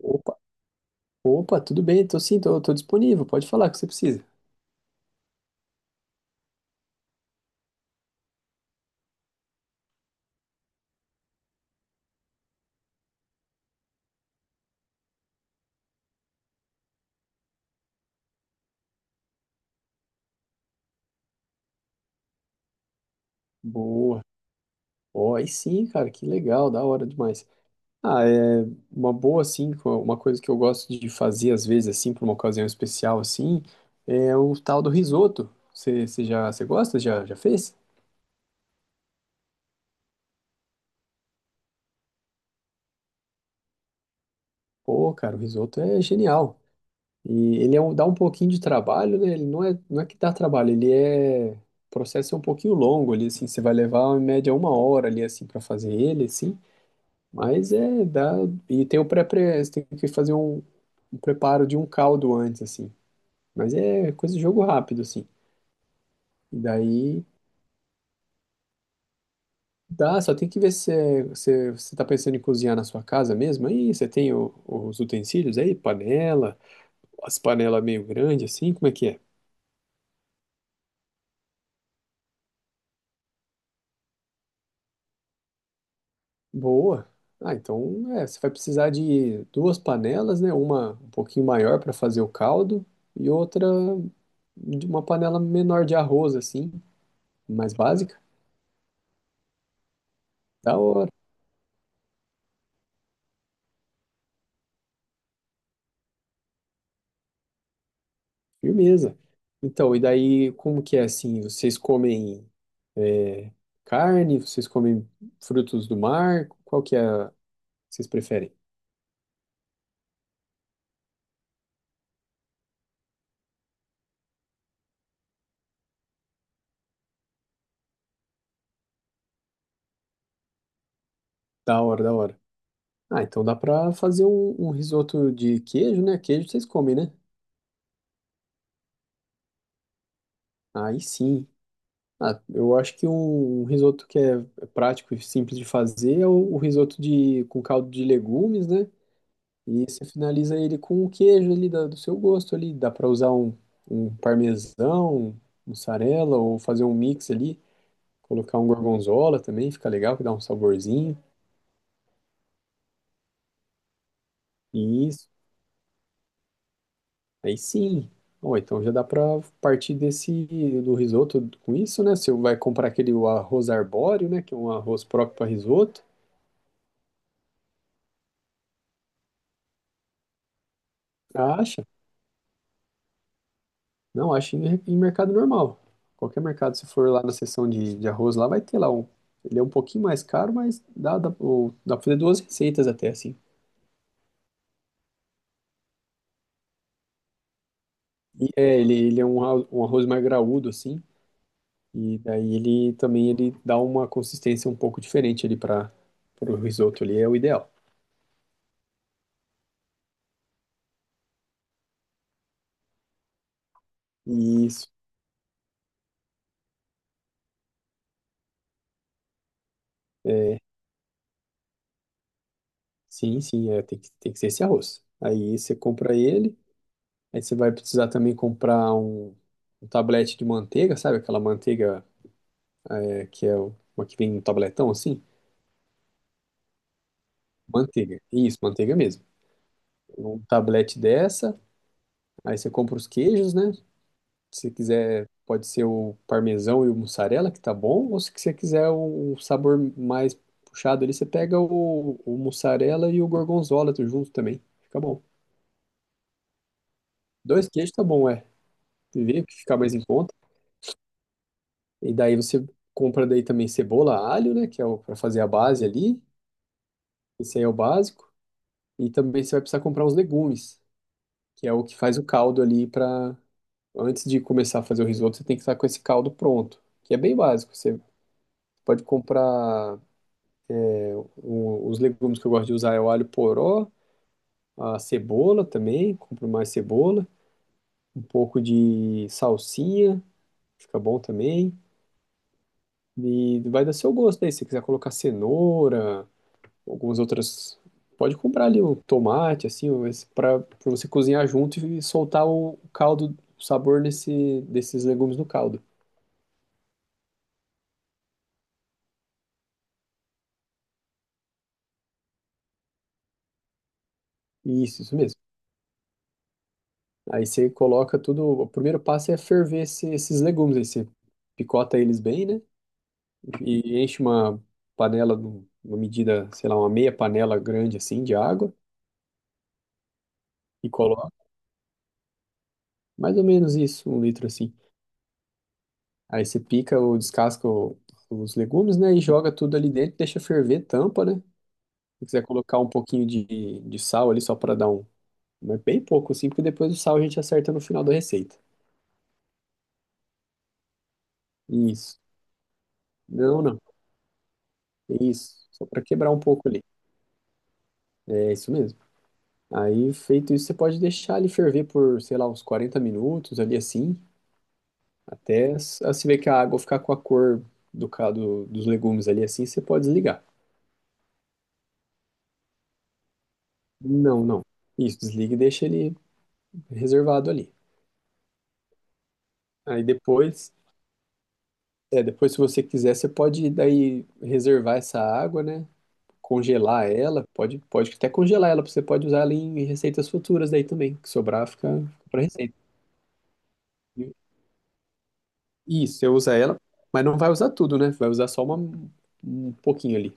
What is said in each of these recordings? Opa, opa, tudo bem, tô sim, tô disponível, pode falar o que você precisa. Boa. Ó, aí sim, cara, que legal, da hora demais. Ah, é uma boa, assim, uma coisa que eu gosto de fazer às vezes, assim, pra uma ocasião especial, assim, é o tal do risoto. Você gosta? Já fez? Pô, cara, o risoto é genial. E ele dá um pouquinho de trabalho, né? Ele não é que dá trabalho, O processo é um pouquinho longo ali, assim, você vai levar em média 1 hora ali, assim, pra fazer ele, assim. Mas é, dá. E tem você tem que fazer um preparo de um caldo antes, assim. Mas é coisa de jogo rápido, assim. E daí dá, só tem que ver se é- se é, você tá pensando em cozinhar na sua casa mesmo. Aí você tem os utensílios aí, panela, as panelas meio grandes, assim, como é que é? Boa. Ah, então é, você vai precisar de duas panelas, né? Uma um pouquinho maior para fazer o caldo e outra de uma panela menor de arroz, assim, mais básica. Da hora. Firmeza. Então, e daí, como que é assim? Vocês comem é, carne? Vocês comem frutos do mar? Qual que é? Vocês preferem? Da hora, da hora. Ah, então dá pra fazer um risoto de queijo, né? Queijo vocês comem, né? Aí sim. Ah, eu acho que um risoto que é prático e simples de fazer é o risoto com caldo de legumes, né? E você finaliza ele com o queijo ali do seu gosto ali. Dá para usar um parmesão, mussarela ou fazer um mix ali. Colocar um gorgonzola também, fica legal, que dá um saborzinho. E isso. Aí sim. Ó, então já dá para partir desse do risoto com isso, né? Você vai comprar aquele o arroz arbóreo, né? Que é um arroz próprio para risoto. Acha? Não, acho em mercado normal. Qualquer mercado, se for lá na seção de arroz, lá vai ter lá um. Ele é um pouquinho mais caro, mas dá pra fazer duas receitas até, assim. Ele é um arroz mais graúdo, assim. E daí ele também ele dá uma consistência um pouco diferente ali para o risoto ali, é o ideal. Isso. Sim, sim, é, tem que ser esse arroz. Aí você compra ele, aí você vai precisar também comprar um tablete de manteiga, sabe? Aquela manteiga é, que é uma que vem no tabletão assim, manteiga. Isso, manteiga mesmo. Um tablete dessa, aí você compra os queijos, né? Se quiser, pode ser o parmesão e o mussarela, que tá bom, ou se você quiser o sabor mais puxado ali, você pega o mussarela e o gorgonzola tudo junto também. Fica bom. Dois queijos tá bom, é. Vê o que fica mais em conta. E daí você compra daí também cebola, alho, né, que é o para fazer a base ali. Esse aí é o básico. E também você vai precisar comprar uns legumes, que é o que faz o caldo ali para antes de começar a fazer o risoto, você tem que estar com esse caldo pronto, que é bem básico. Você pode comprar os legumes que eu gosto de usar é o alho poró, a cebola também, compro mais cebola, um pouco de salsinha, fica bom também. E vai dar seu gosto aí, se você quiser colocar cenoura, algumas outras. Pode comprar ali o tomate, assim, para você cozinhar junto e soltar o caldo, o sabor desses legumes no caldo. Isso mesmo. Aí você coloca tudo. O primeiro passo é ferver esses legumes. Aí você picota eles bem, né? E enche uma panela, uma medida, sei lá, uma meia panela grande assim de água e coloca mais ou menos isso, 1 litro assim. Aí você pica ou descasca os legumes, né? E joga tudo ali dentro, deixa ferver, tampa, né? Se quiser colocar um pouquinho de sal ali só para dar um. Mas bem pouco assim, porque depois o sal a gente acerta no final da receita. Isso. Não, não. Isso. Só para quebrar um pouco ali. É isso mesmo. Aí, feito isso, você pode deixar ele ferver por, sei lá, uns 40 minutos ali assim, até você ver que a água ficar com a cor dos legumes ali assim, você pode desligar. Não, não. Isso, desliga e deixa ele reservado ali. Aí depois se você quiser, você pode daí reservar essa água, né? Congelar ela, pode até congelar ela, você pode usar ela em receitas futuras daí também, que sobrar fica para receita. Isso, você usa ela, mas não vai usar tudo, né? Vai usar só um pouquinho ali.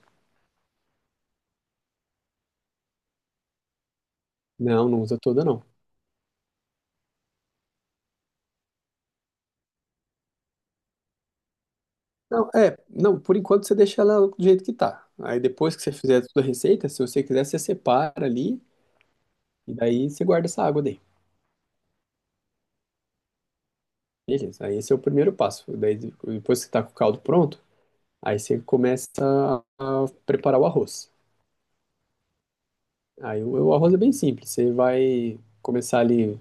Não, não usa toda, não. Não, não, por enquanto você deixa ela do jeito que tá. Aí depois que você fizer toda a receita, se você quiser, você separa ali e daí você guarda essa água daí. Beleza, aí esse é o primeiro passo. Daí depois que tá com o caldo pronto, aí você começa a preparar o arroz. Aí o arroz é bem simples, você vai começar ali,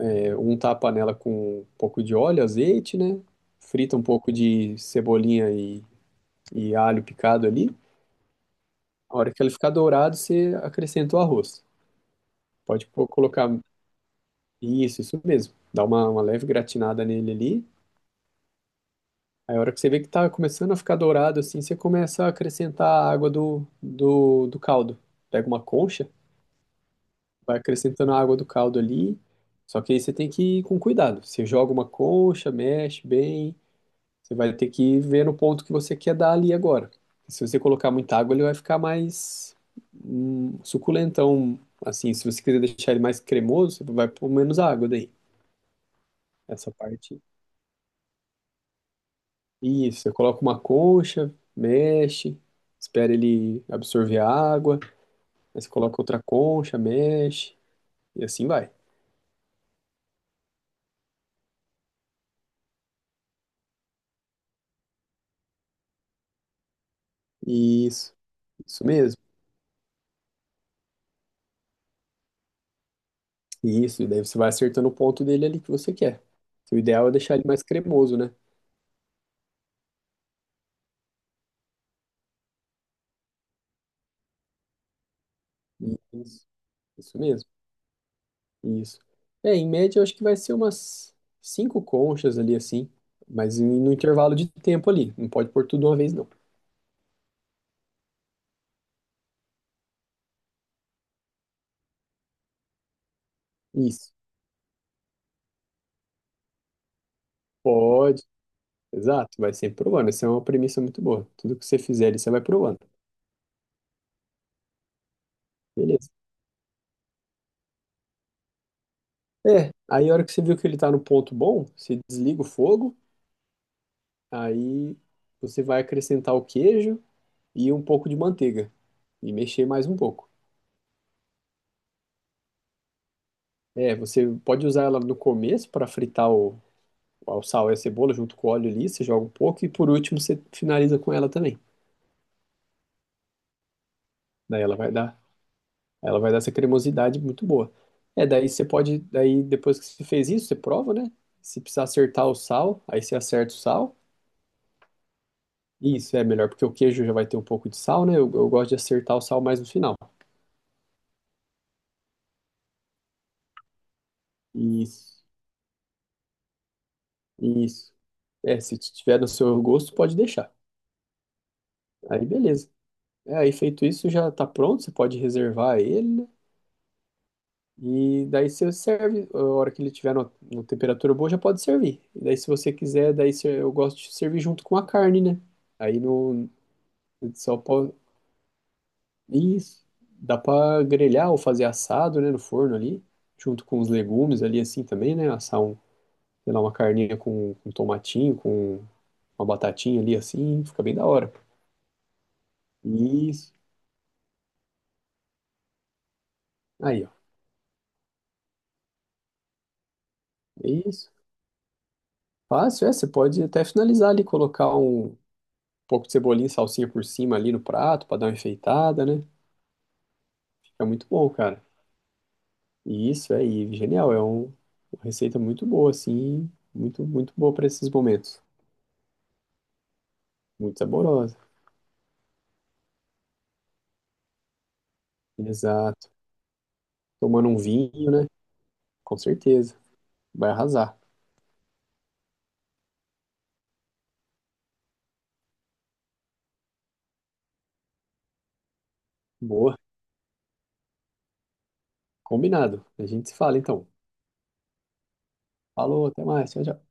untar a panela com um pouco de óleo, azeite, né? Frita um pouco de cebolinha e alho picado ali. A hora que ele ficar dourado, você acrescenta o arroz. Pode colocar isso, isso mesmo. Dá uma leve gratinada nele ali. Aí a hora que você vê que tá começando a ficar dourado assim, você começa a acrescentar a água do caldo. Pega uma concha, vai acrescentando a água do caldo ali. Só que aí você tem que ir com cuidado. Você joga uma concha, mexe bem. Você vai ter que ver no ponto que você quer dar ali agora. Se você colocar muita água, ele vai ficar mais suculentão. Assim, se você quiser deixar ele mais cremoso, você vai pôr menos água daí. Essa parte. Isso, você coloca uma concha, mexe, espera ele absorver a água, aí você coloca outra concha, mexe, e assim vai. Isso, isso mesmo. Isso, e daí você vai acertando o ponto dele ali que você quer. O ideal é deixar ele mais cremoso, né? Isso, isso mesmo. Isso. É, em média, eu acho que vai ser umas cinco conchas ali, assim, mas no intervalo de tempo ali. Não pode pôr tudo de uma vez, não. Isso. Pode. Exato. Vai sempre provando. Essa é uma premissa muito boa. Tudo que você fizer ali, você vai provando. Beleza. É, aí a hora que você viu que ele tá no ponto bom, você desliga o fogo, aí você vai acrescentar o queijo e um pouco de manteiga. E mexer mais um pouco. É, você pode usar ela no começo para fritar o sal e a cebola junto com o óleo ali, você joga um pouco e por último você finaliza com ela também. Daí ela vai dar essa cremosidade muito boa. É, daí você pode, daí depois que você fez isso, você prova, né? Se precisar acertar o sal, aí você acerta o sal. Isso é melhor, porque o queijo já vai ter um pouco de sal, né? Eu gosto de acertar o sal mais no final. Isso, isso. É, se tiver no seu gosto, pode deixar. Aí beleza. É, aí feito isso, já tá pronto, você pode reservar ele, né? E daí você serve, a hora que ele tiver na temperatura boa, já pode servir. E daí se você quiser, daí eu gosto de servir junto com a carne, né? Aí no só pode isso, dá pra grelhar ou fazer assado, né, no forno ali, junto com os legumes ali assim também, né? Assar um, sei lá, uma carninha com tomatinho, com uma batatinha ali assim, fica bem da hora. Isso. Aí, ó. É isso. Fácil, é, você pode até finalizar ali, colocar um pouco de cebolinha e salsinha por cima ali no prato pra dar uma enfeitada, né? Fica muito bom, cara. E isso é genial, é uma receita muito boa, assim, muito, muito boa pra esses momentos. Muito saborosa. Exato. Tomando um vinho, né? Com certeza. Vai arrasar. Boa. Combinado. A gente se fala então. Falou, até mais. Tchau, tchau.